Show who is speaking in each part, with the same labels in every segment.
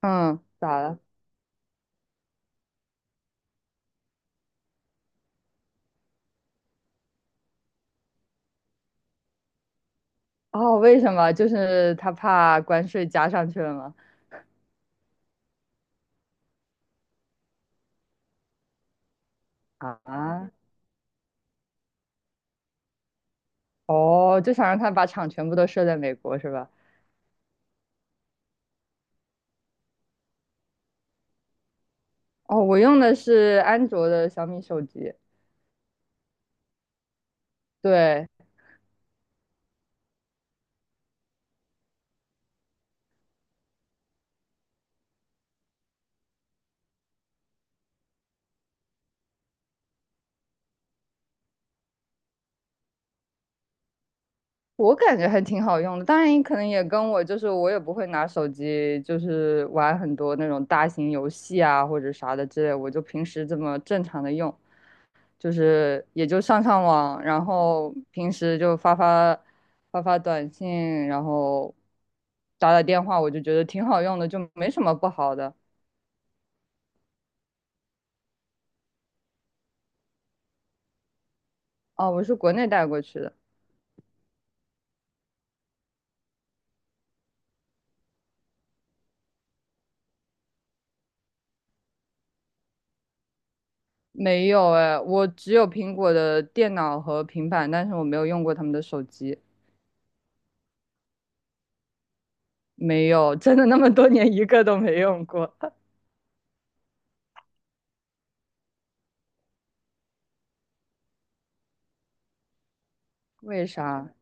Speaker 1: 嗯，咋了？哦，为什么？就是他怕关税加上去了吗？啊，哦，就想让他把厂全部都设在美国是吧？哦，我用的是安卓的小米手机。对，我感觉还挺好用的。当然，你可能也跟我我也不会拿手机，就是玩很多那种大型游戏啊或者啥的之类，我就平时这么正常的用。就是也就上上网，然后平时就发发短信，然后打打电话，我就觉得挺好用的，就没什么不好的。哦，我是国内带过去的。没有哎，我只有苹果的电脑和平板，但是我没有用过他们的手机。没有，真的那么多年一个都没用过。为啥？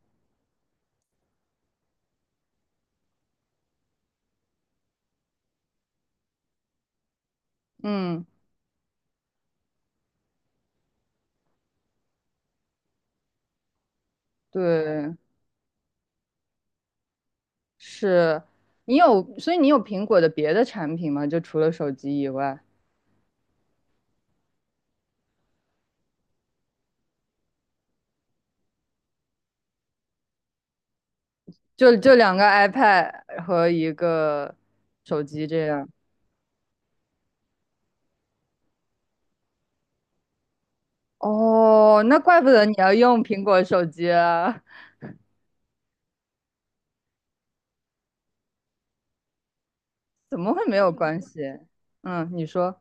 Speaker 1: 嗯，对，是。你有，所以你有苹果的别的产品吗？就除了手机以外。就就两个 iPad 和一个手机这样。哦，那怪不得你要用苹果手机啊。怎么会没有关系？嗯，你说。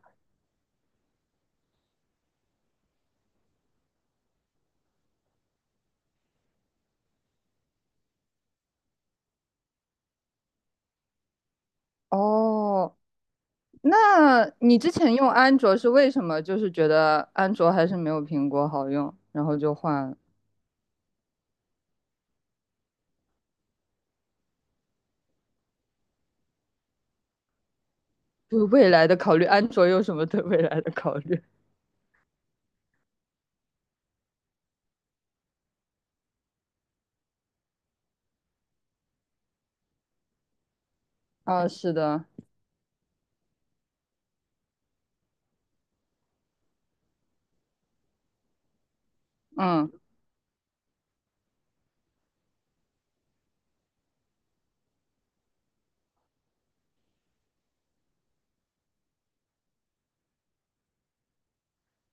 Speaker 1: 哦，那你之前用安卓是为什么？就是觉得安卓还是没有苹果好用，然后就换了。对未来的考虑，安卓有什么对未来的考虑？啊，是的，嗯。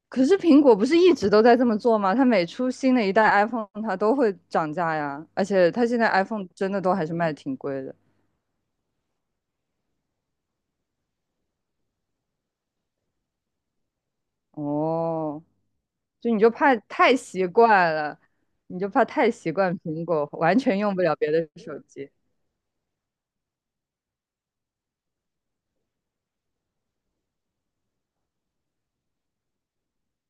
Speaker 1: 可是苹果不是一直都在这么做吗？它每出新的一代 iPhone，它都会涨价呀。而且它现在 iPhone 真的都还是卖挺贵的。哦，就你就怕太习惯了，你就怕太习惯苹果，完全用不了别的手机。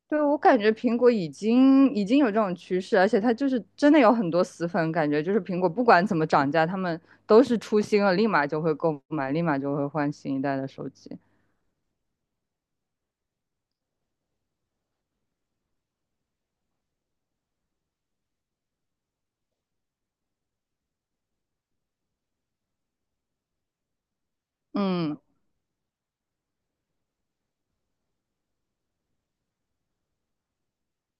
Speaker 1: 对，我感觉苹果已经有这种趋势，而且它就是真的有很多死粉，感觉就是苹果不管怎么涨价，他们都是出新了，立马就会购买，立马就会换新一代的手机。嗯，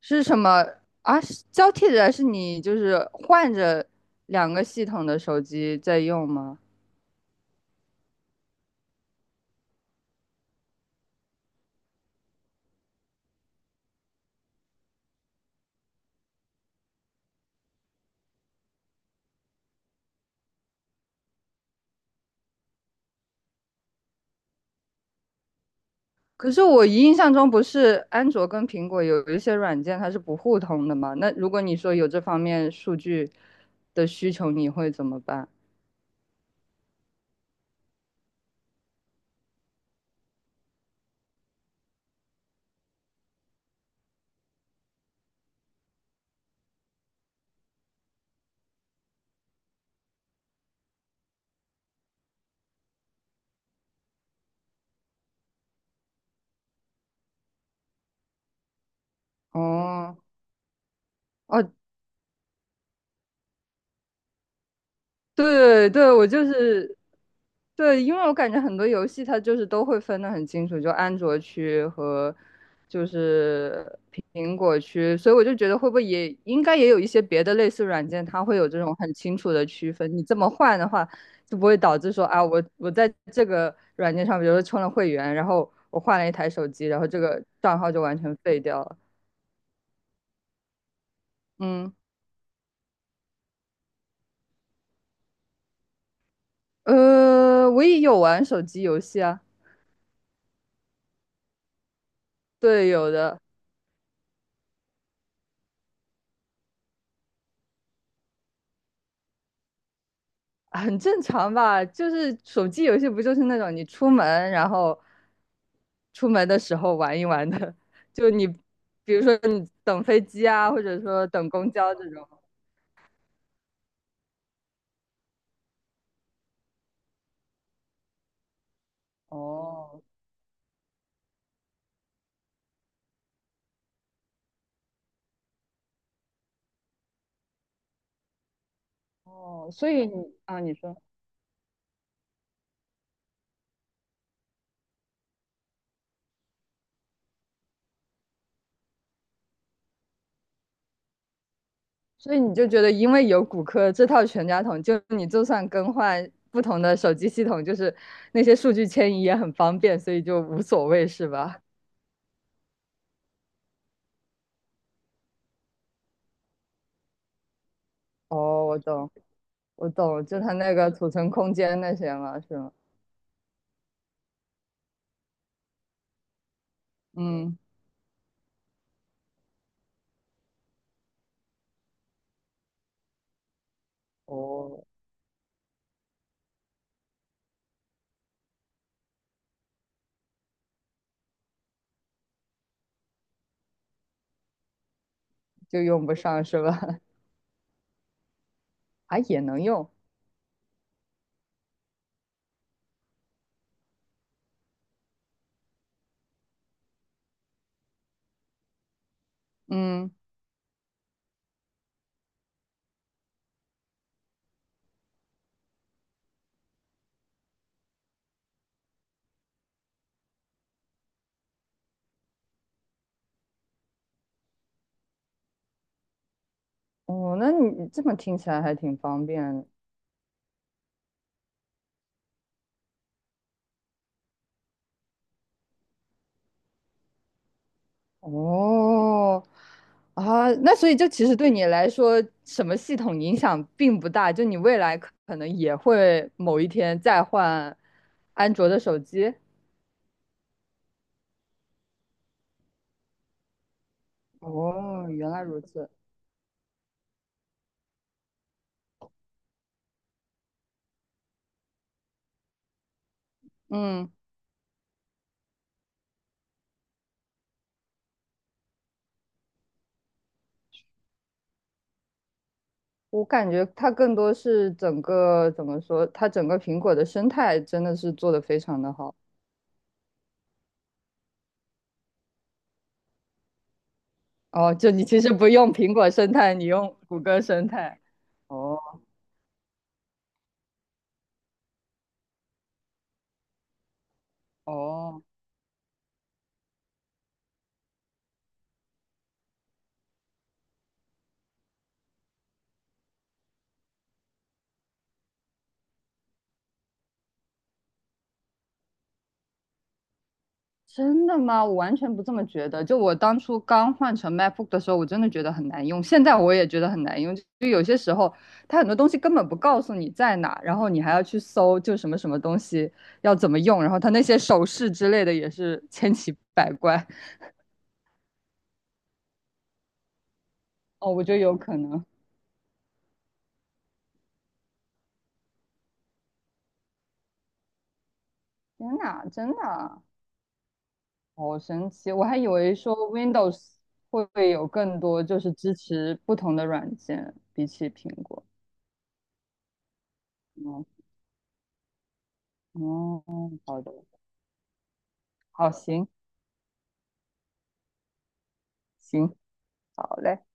Speaker 1: 是什么啊？是交替着是你就是换着两个系统的手机在用吗？可是我印象中不是安卓跟苹果有一些软件它是不互通的吗？那如果你说有这方面数据的需求，你会怎么办？哦哦，对对，我就是对，因为我感觉很多游戏它就是都会分得很清楚，就安卓区和就是苹果区，所以我就觉得会不会也应该也有一些别的类似软件，它会有这种很清楚的区分。你这么换的话，就不会导致说啊，我在这个软件上，比如说充了会员，然后我换了一台手机，然后这个账号就完全废掉了。嗯，我也有玩手机游戏啊。对，有的。很正常吧，就是手机游戏不就是那种你出门，然后出门的时候玩一玩的，就你比如说你等飞机啊，或者说等公交这种。哦哦，所以你啊，你说，所以你就觉得因为有骨科这套全家桶，就你就算更换不同的手机系统，就是那些数据迁移也很方便，所以就无所谓是吧？哦，我懂，我懂，就它那个储存空间那些嘛，是吗？嗯。哦，就用不上是吧？啊，也能用，嗯。哦，那你这么听起来还挺方便的。哦，啊，那所以就其实对你来说，什么系统影响并不大，就你未来可能也会某一天再换安卓的手机。哦，原来如此。嗯，我感觉它更多是整个怎么说，它整个苹果的生态真的是做得非常的好。哦，就你其实不用苹果生态，你用谷歌生态。哦哦，真的吗？我完全不这么觉得。就我当初刚换成 MacBook 的时候，我真的觉得很难用，现在我也觉得很难用。就有些时候，它很多东西根本不告诉你在哪，然后你还要去搜，就什么什么东西要怎么用，然后它那些手势之类的也是千奇百怪。哦，我觉得有可能。天哪，真的。好神奇！我还以为说 Windows 会不会有更多就是支持不同的软件，比起苹果。嗯，哦，好的，好，行行，好嘞。